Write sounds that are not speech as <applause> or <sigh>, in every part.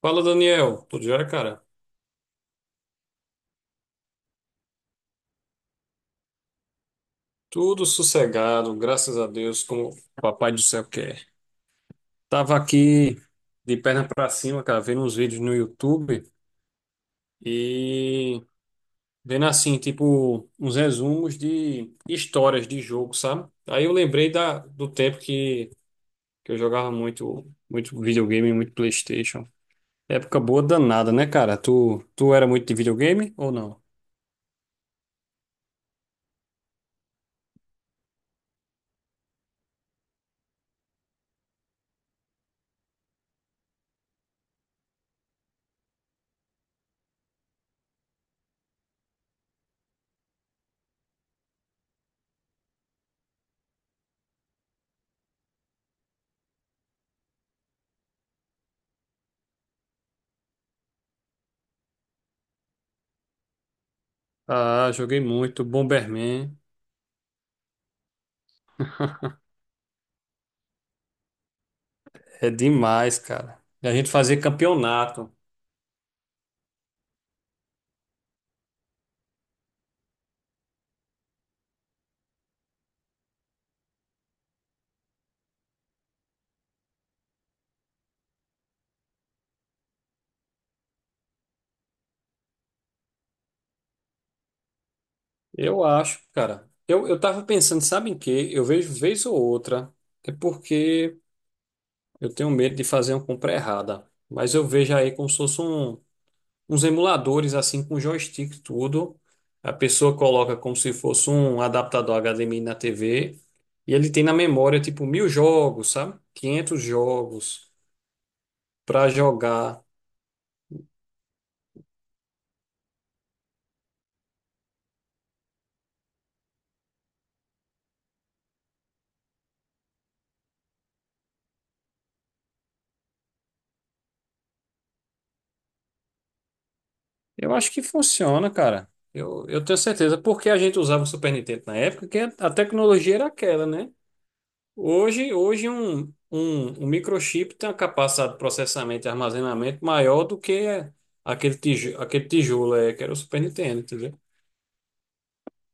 Fala, Daniel. Tudo jóia, cara? Tudo sossegado, graças a Deus, como o papai do céu quer. Tava aqui de perna pra cima, cara, vendo uns vídeos no YouTube e vendo assim, tipo, uns resumos de histórias de jogo, sabe? Aí eu lembrei do tempo que eu jogava muito, muito videogame, muito PlayStation. Época boa danada, né, cara? Tu era muito de videogame ou não? Ah, joguei muito, Bomberman. É demais, cara. E a gente fazer campeonato. Eu acho, cara. Eu tava pensando, sabe em quê? Eu vejo vez ou outra. É porque eu tenho medo de fazer uma compra errada. Mas eu vejo aí como se fosse uns emuladores, assim, com joystick e tudo. A pessoa coloca como se fosse um adaptador HDMI na TV. E ele tem na memória, tipo, 1.000 jogos, sabe? 500 jogos pra jogar. Eu acho que funciona, cara. Eu tenho certeza, porque a gente usava o Super Nintendo na época, que a tecnologia era aquela, né? Hoje, um microchip tem uma capacidade de processamento e armazenamento maior do que aquele tijolo que era o Super Nintendo, entendeu?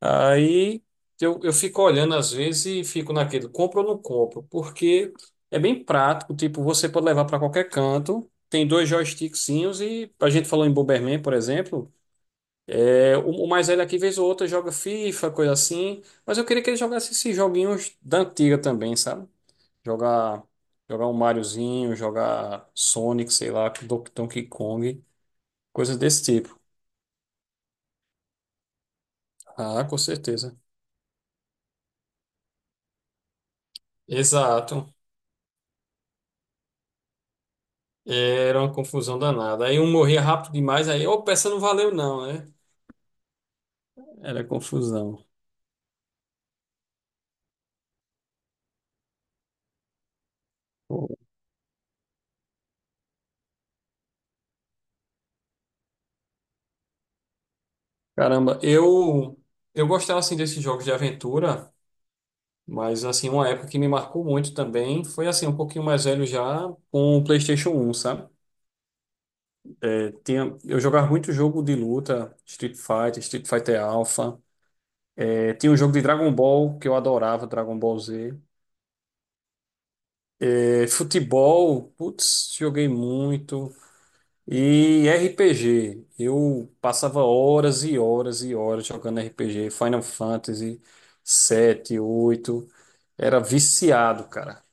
Aí eu fico olhando às vezes e fico naquele, compro ou não compro, porque é bem prático, tipo, você pode levar para qualquer canto, tem dois joystickzinhos e a gente falou em Bomberman, por exemplo. O mais velho aqui, vez ou outra, joga FIFA, coisa assim. Mas eu queria que ele jogasse esses joguinhos da antiga também, sabe? Jogar, jogar um Mariozinho, jogar Sonic, sei lá, Donkey Kong, coisas desse tipo. Ah, com certeza. Exato. Era uma confusão danada. Aí um morria rápido demais, aí, opa, essa não valeu não, né? Era confusão. Caramba, eu gostava assim desses jogos de aventura. Mas, assim, uma época que me marcou muito também foi, assim, um pouquinho mais velho já com o PlayStation 1 sabe? Eu jogava muito jogo de luta, Street Fighter, Street Fighter Alpha. Tinha um jogo de Dragon Ball que eu adorava, Dragon Ball Z. Futebol, putz, joguei muito. E RPG, eu passava horas e horas e horas jogando RPG, Final Fantasy 7 8. Era viciado, cara.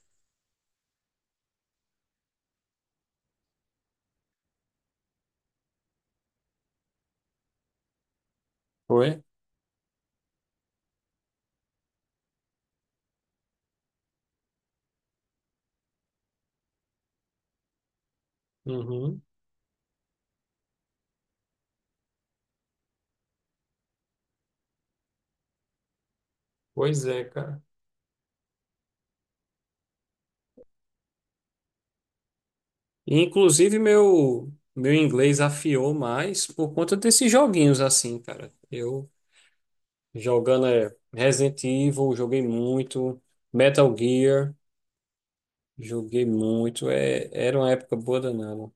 Foi? Uhum. Pois é, cara. E, inclusive, meu inglês afiou mais por conta desses joguinhos assim, cara. Eu jogando Resident Evil, joguei muito, Metal Gear, joguei muito. É, era uma época boa danada.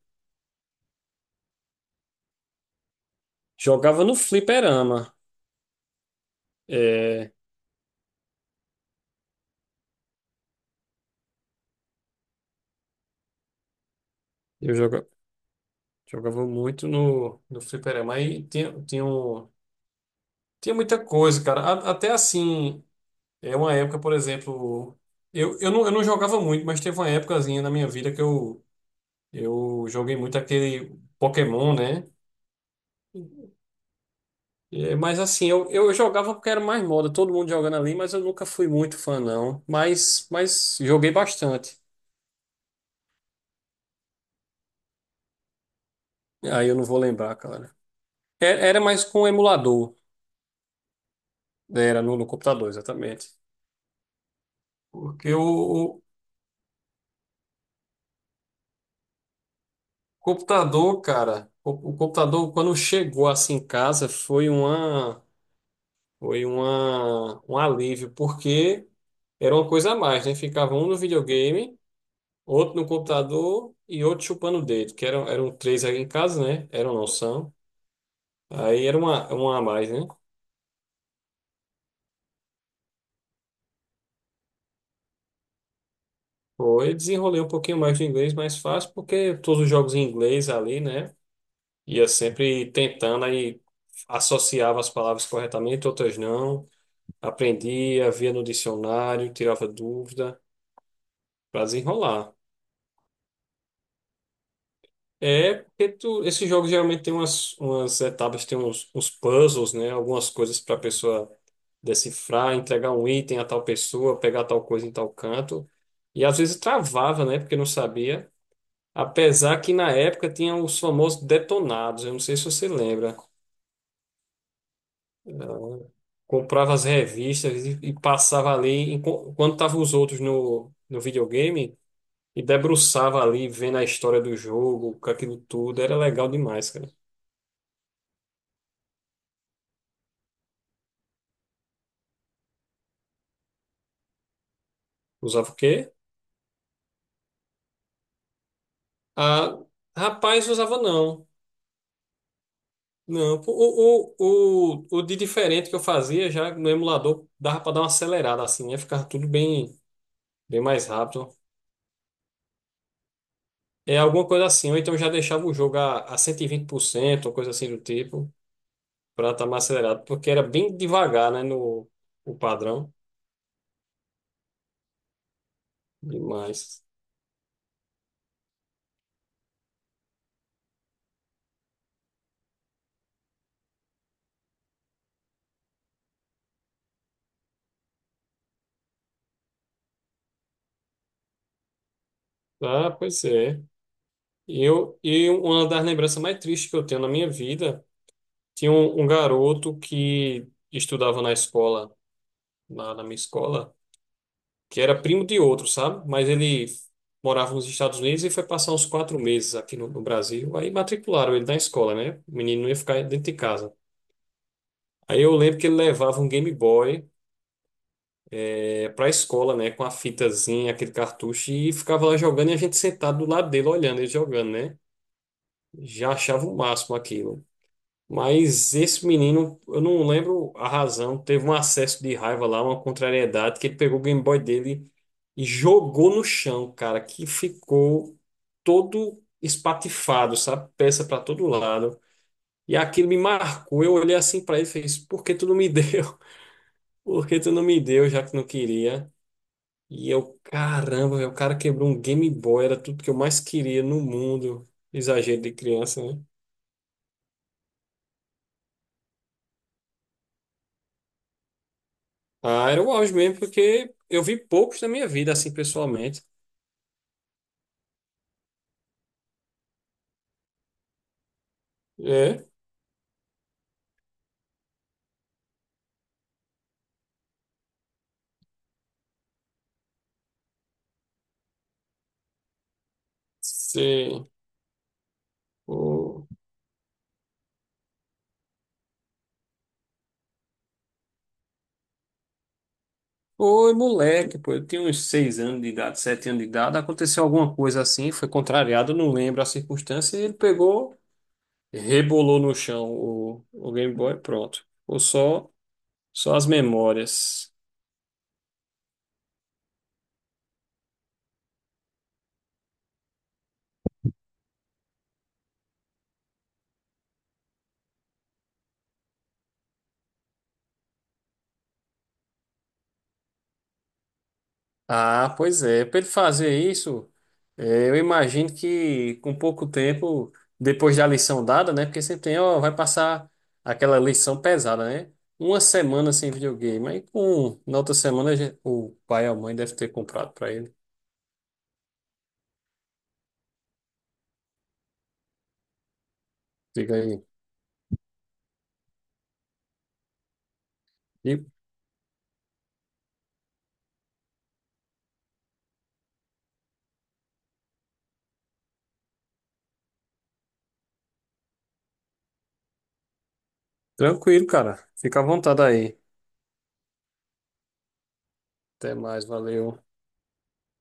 Jogava no fliperama. É, eu joga, jogava muito no fliperama. Aí tinha muita coisa, cara. Até assim, é uma época, por exemplo. Não, eu não jogava muito, mas teve uma épocazinha na minha vida que eu joguei muito aquele Pokémon, né? É, mas assim, eu jogava porque era mais moda, todo mundo jogando ali, mas eu nunca fui muito fã, não. Mas joguei bastante. Aí eu não vou lembrar, cara. Era mais com emulador, né? Era no computador, exatamente. Porque o computador, quando chegou assim em casa, foi um alívio, porque era uma coisa a mais, né? Ficava um no videogame, outro no computador e outro chupando o dedo, que eram três aí em casa, né? Eram, não são. Aí era uma a mais, né? Foi, desenrolei um pouquinho mais de inglês, mais fácil, porque todos os jogos em inglês ali, né? Ia sempre tentando, aí associava as palavras corretamente, outras não. Aprendia, via no dicionário, tirava dúvida, para desenrolar. É, porque tu, esses jogos geralmente tem umas etapas, tem uns puzzles, né? Algumas coisas para a pessoa decifrar, entregar um item a tal pessoa, pegar tal coisa em tal canto. E às vezes travava, né? Porque não sabia. Apesar que na época tinha os famosos detonados, eu não sei se você lembra. Comprava as revistas e passava ali, quando estavam os outros no videogame, e debruçava ali, vendo a história do jogo, com aquilo tudo. Era legal demais, cara. Usava o quê? Ah, rapaz, usava não. Não, o de diferente que eu fazia já no emulador dava para dar uma acelerada assim, né? Ficava tudo bem, bem mais rápido. É alguma coisa assim, ou então já deixava o jogo a 120%, ou coisa assim do tipo, para estar mais acelerado, porque era bem devagar, né? No o padrão demais. Ah, pois é. E uma das lembranças mais tristes que eu tenho na minha vida, tinha um garoto que estudava na escola, lá na minha escola, que era primo de outro, sabe? Mas ele morava nos Estados Unidos e foi passar uns 4 meses aqui no Brasil. Aí matricularam ele na escola, né? O menino não ia ficar dentro de casa. Aí eu lembro que ele levava um Game Boy pra escola, né? Com a fitazinha, aquele cartucho, e ficava lá jogando e a gente sentado do lado dele olhando ele jogando, né? Já achava o máximo aquilo. Mas esse menino, eu não lembro a razão, teve um acesso de raiva lá, uma contrariedade, que ele pegou o Game Boy dele e jogou no chão, cara, que ficou todo espatifado, sabe? Peça para todo lado. E aquilo me marcou. Eu olhei assim para ele e fez: Por que tu não me deu? <laughs> Por que tu não me deu, já que não queria? E eu, caramba, velho, o cara quebrou um Game Boy, era tudo que eu mais queria no mundo. Exagero de criança, né? Ah, era o auge mesmo, porque eu vi poucos na minha vida, assim, pessoalmente. É, sim. Ô, Oi, moleque, pô, eu tinha uns 6 anos de idade, 7 anos de idade, aconteceu alguma coisa assim, foi contrariado, não lembro a circunstância, e ele pegou, rebolou no chão o Game Boy, pronto. Ou só as memórias. Ah, pois é. Para ele fazer isso, eu imagino que com pouco tempo, depois da lição dada, né? Porque sempre tem, ó, vai passar aquela lição pesada, né? Uma semana sem videogame. Na outra semana o pai ou a mãe deve ter comprado para ele. Diga aí. E tranquilo, cara. Fica à vontade aí. Até mais, valeu.